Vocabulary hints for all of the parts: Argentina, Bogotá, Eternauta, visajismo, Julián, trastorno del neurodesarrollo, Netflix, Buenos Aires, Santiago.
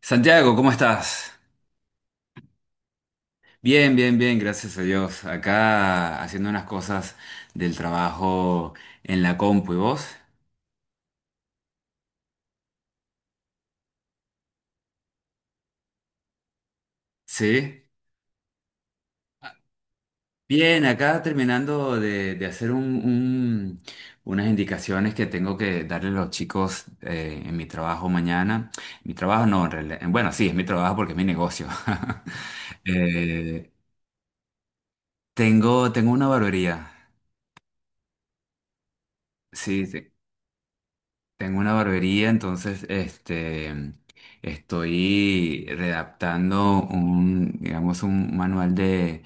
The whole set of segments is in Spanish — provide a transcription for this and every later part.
Santiago, ¿cómo estás? Bien, bien, bien, gracias a Dios. Acá haciendo unas cosas del trabajo en la compu, ¿y vos? Sí. Bien, acá terminando de hacer unas indicaciones que tengo que darle a los chicos en mi trabajo mañana. Mi trabajo no, bueno, sí, es mi trabajo porque es mi negocio. Eh, tengo una barbería. Sí, sí. Tengo una barbería, entonces estoy redactando un, digamos, un manual de,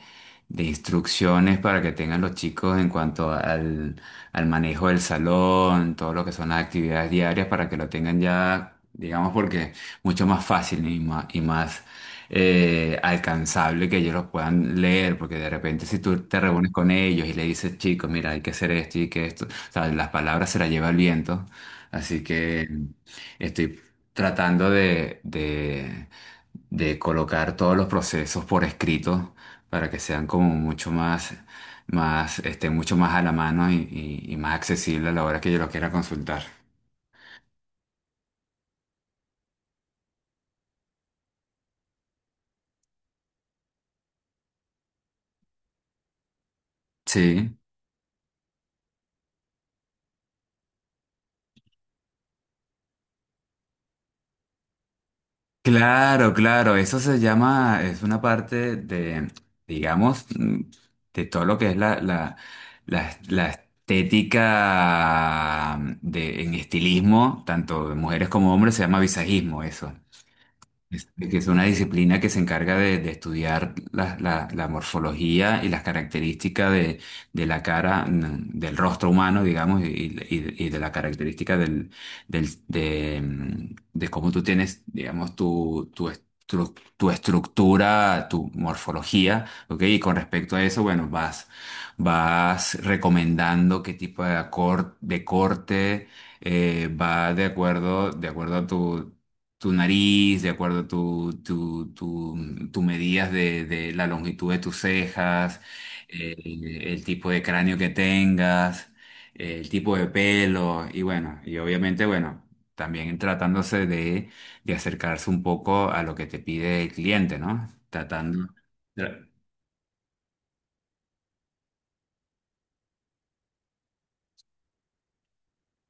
de instrucciones para que tengan los chicos en cuanto al manejo del salón, todo lo que son las actividades diarias, para que lo tengan ya, digamos, porque mucho más fácil y más, alcanzable que ellos lo puedan leer, porque de repente si tú te reúnes con ellos y le dices, chicos, mira, hay que hacer esto y que esto, o sea, las palabras se las lleva el viento. Así que estoy tratando de colocar todos los procesos por escrito para que sean como mucho mucho más a la mano y, y más accesible a la hora que yo lo quiera consultar. Sí. Claro, claro, eso se llama, es una parte de, digamos, de todo lo que es la estética, en estilismo, tanto de mujeres como hombres, se llama visajismo eso. Que es una disciplina que se encarga de estudiar la morfología y las características de la cara, del rostro humano, digamos, y, y de la característica de cómo tú tienes, digamos, tu estructura, tu morfología, ¿ok? Y con respecto a eso, bueno, vas recomendando qué tipo de, de corte va de acuerdo a tu nariz, de acuerdo a tu medidas de la longitud de tus cejas, el tipo de cráneo que tengas, el tipo de pelo, y bueno, y obviamente, bueno, también tratándose de acercarse un poco a lo que te pide el cliente, ¿no? Tratando. tra-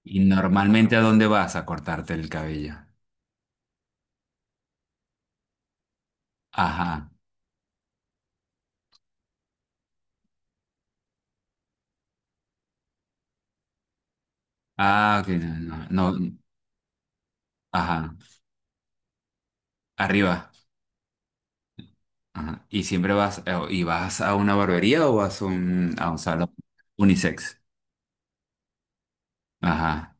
Y normalmente, ¿a dónde vas a cortarte el cabello? Ajá. Ah, ok, no, no, no, ajá. Arriba. Ajá. ¿Y siempre y vas a una barbería o vas a un salón unisex? Ajá.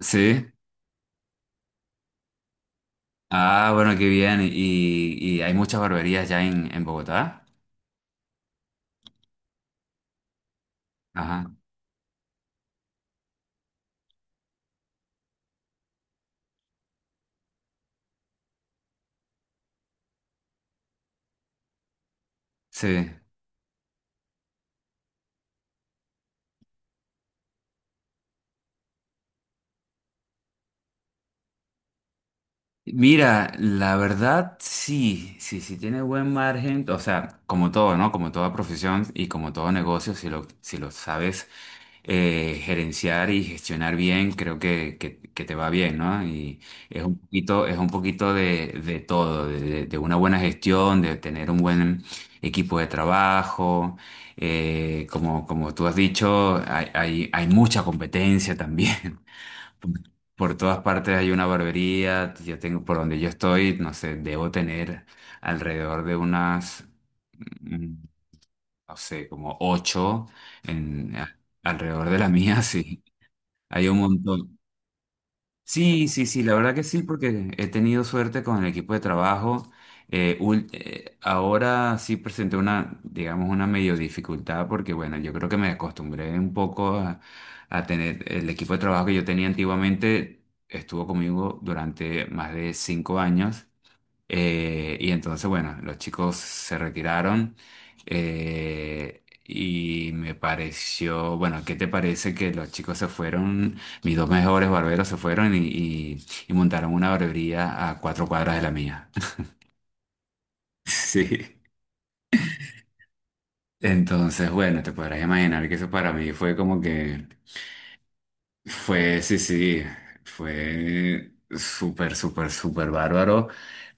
¿Sí? Ah, bueno, qué bien. ¿Y hay muchas barberías ya en Bogotá? Ajá. Sí. Mira, la verdad sí, sí, sí tiene buen margen, o sea, como todo, ¿no? Como toda profesión y como todo negocio, si lo, si lo sabes gerenciar y gestionar bien, creo que te va bien, ¿no? Y es un poquito de todo, de una buena gestión, de tener un buen equipo de trabajo, como tú has dicho, hay mucha competencia también. Por todas partes hay una barbería. Yo tengo, por donde yo estoy, no sé, debo tener alrededor de unas, mm, no sé, como ocho alrededor de la mía, sí. Hay un montón. Sí, sí, sí, la verdad que sí, porque he tenido suerte con el equipo de trabajo. Ahora sí presenté una, digamos, una medio dificultad porque, bueno, yo creo que me acostumbré un poco a tener el equipo de trabajo que yo tenía antiguamente, estuvo conmigo durante más de 5 años y entonces, bueno, los chicos se retiraron y me pareció, bueno, ¿qué te parece que los chicos se fueron, mis dos mejores barberos se fueron y, y montaron una barbería a 4 cuadras de la mía? Sí. Entonces, bueno, te podrás imaginar que eso para mí fue como que. Fue, sí, sí, fue súper, súper, súper bárbaro.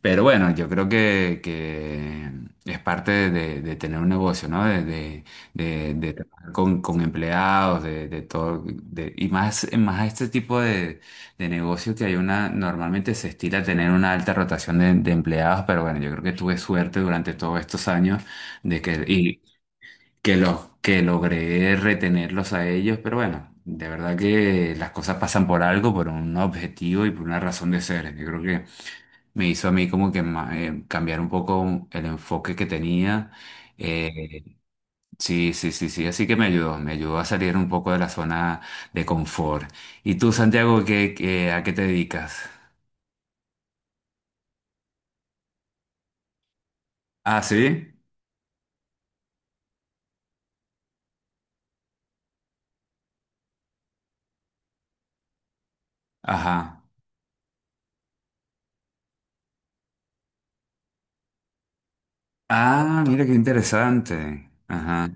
Pero bueno, yo creo que es parte de tener un negocio, ¿no? De trabajar con empleados, de todo, y más a este tipo de negocio que hay normalmente se estila a tener una alta rotación de empleados, pero bueno, yo creo que tuve suerte durante todos estos años de que los que logré retenerlos a ellos, pero bueno, de verdad que las cosas pasan por algo, por un objetivo y por una razón de ser. Yo creo que me hizo a mí como que cambiar un poco el enfoque que tenía. Eh, sí, sí, sí, sí, así que me ayudó a salir un poco de la zona de confort. ¿Y tú, Santiago, a qué te dedicas? Ah, sí, ajá. Ah, mira qué interesante. Ajá.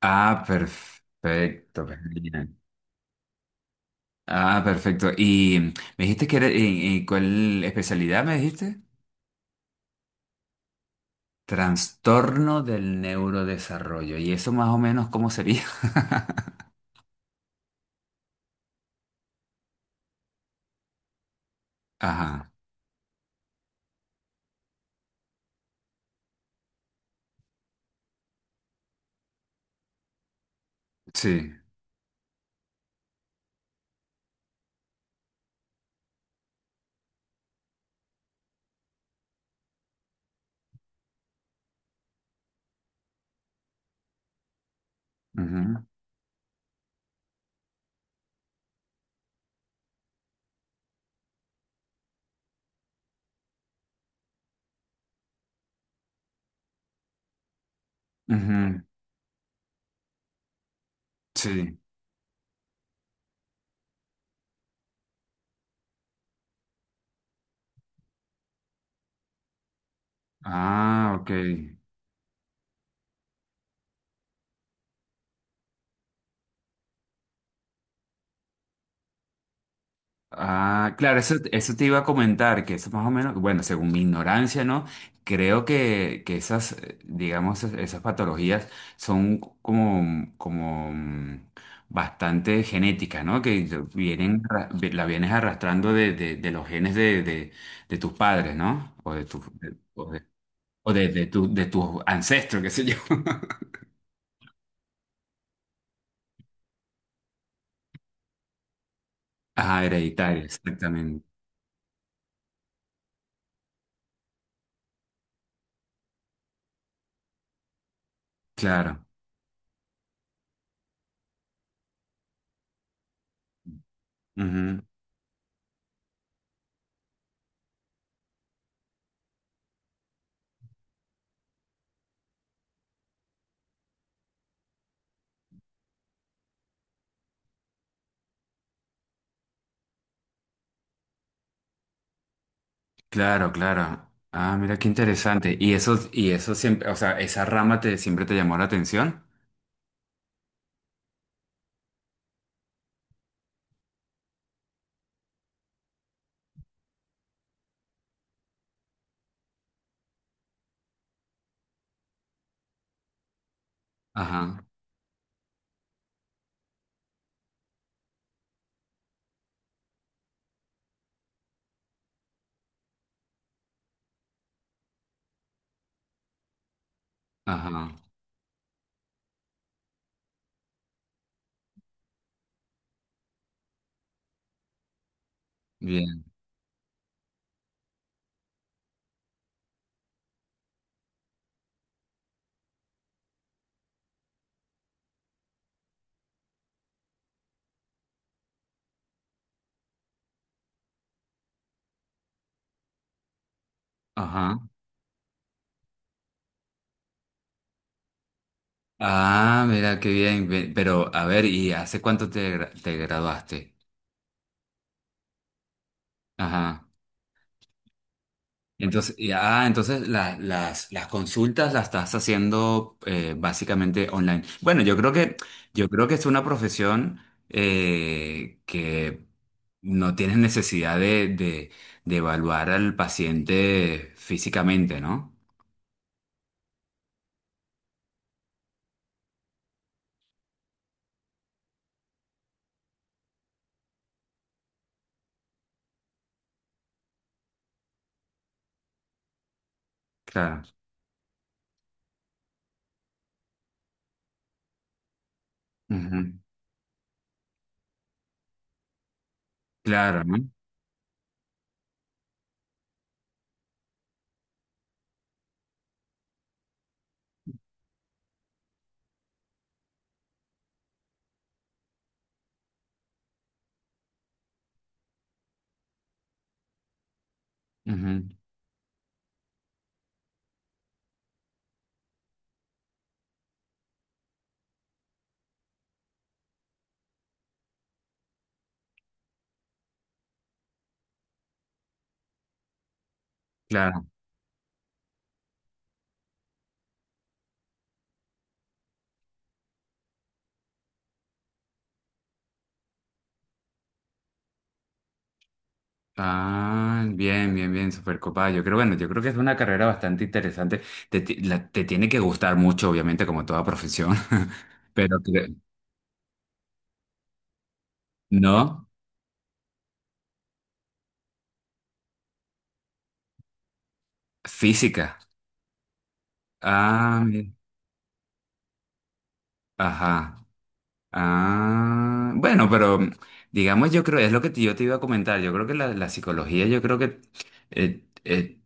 Ah, perfecto. Genial. Ah, perfecto. Y me dijiste que era, en ¿cuál especialidad me dijiste? Trastorno del neurodesarrollo. ¿Y eso más o menos cómo sería? Ajá, sí. Ujú, ujú, sí. Ah, ok. Ah, claro, eso te iba a comentar, que eso más o menos, bueno, según mi ignorancia, ¿no? Creo que esas, digamos, esas patologías son como bastante genéticas, ¿no? Que vienen, la vienes arrastrando de los genes de tus padres, ¿no? O de tus ancestros, qué sé yo. Ajá, hereditaria, exactamente. Claro. Ujú. Claro, claro. Ah, mira qué interesante. Y eso siempre, o sea, esa rama te siempre te llamó la atención. Ajá, ajá, bien, ajá. Ah, mira qué bien. Pero, a ver, ¿y hace cuánto te graduaste? Ajá. Entonces, ya, ah, entonces las consultas las estás haciendo básicamente online. Bueno, yo creo que es una profesión que no tienes necesidad de evaluar al paciente físicamente, ¿no? Claro. Ujú. Claro, ¿no? Ujú. Claro. Ah, bien, bien, bien, súper copada. Yo creo, bueno, yo creo que es una carrera bastante interesante. Te tiene que gustar mucho, obviamente, como toda profesión. Pero creo- No, física. Ah, ajá. ajá. Ah, bueno, pero digamos, yo creo, es lo que yo te iba a comentar. Yo creo que la psicología, yo creo que eh, eh,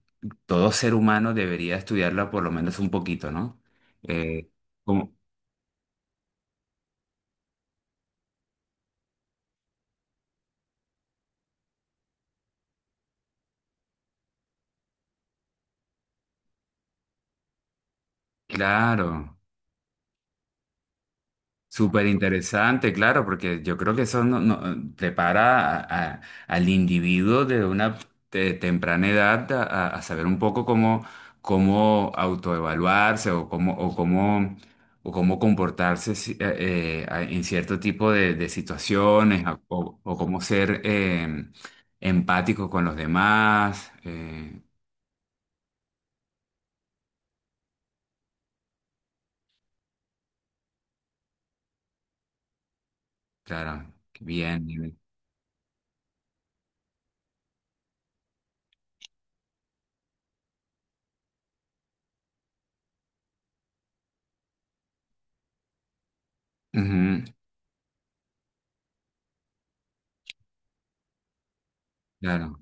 todo ser humano debería estudiarla por lo menos un poquito, ¿no? Eh, como, claro. Súper interesante, claro, porque yo creo que eso prepara al individuo de una temprana edad a saber un poco cómo autoevaluarse o cómo comportarse en cierto tipo de situaciones o cómo ser empático con los demás. Claro, bien. Ujú, claro.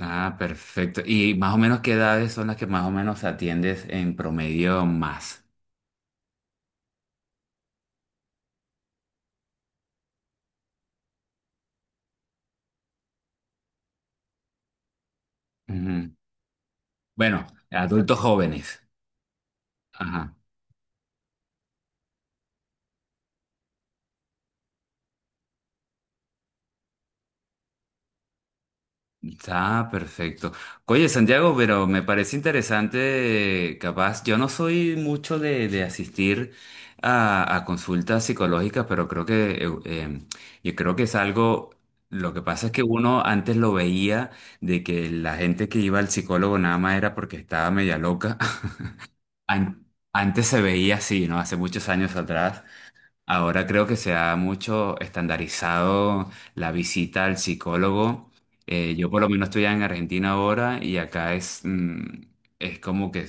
Ah, perfecto. ¿Y más o menos qué edades son las que más o menos atiendes en promedio más? Ujú. Bueno, adultos jóvenes. Ajá. Está perfecto. Oye, Santiago, pero me parece interesante, capaz, yo no soy mucho de asistir a consultas psicológicas, pero creo que, eh, em, yo creo que es algo, lo que pasa es que uno antes lo veía de que la gente que iba al psicólogo nada más era porque estaba media loca. An- Antes se veía así, ¿no? Hace muchos años atrás. Ahora creo que se ha mucho estandarizado la visita al psicólogo. Yo por lo menos estoy en Argentina ahora y acá es como que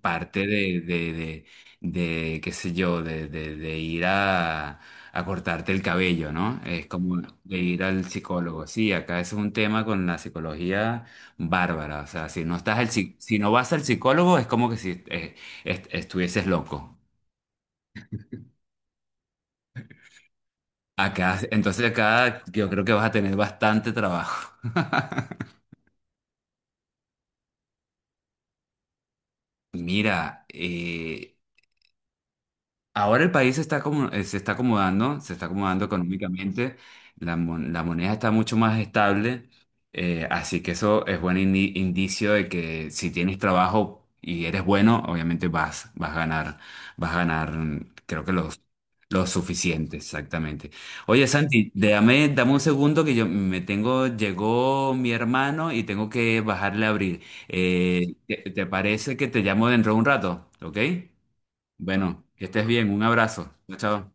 parte de, qué sé yo, de ir a cortarte el cabello, ¿no? Es como de ir al psicólogo. Sí, acá es un tema con la psicología bárbara. O sea, si no estás si no vas al psicólogo, es como que si estuvieses loco. Acá, entonces acá yo creo que vas a tener bastante trabajo. Mira, ahora el país se está acomodando económicamente, la moneda está mucho más estable, así que eso es buen indicio de que si tienes trabajo y eres bueno, obviamente vas a ganar, vas a ganar, creo que los suficientes, exactamente. Oye, Santi, déjame, dame un segundo que yo me tengo, llegó mi hermano y tengo que bajarle a abrir. ¿Te parece que te llamo dentro de un rato? ¿Ok? Bueno, que estés bien. Un abrazo. Chao. Chao.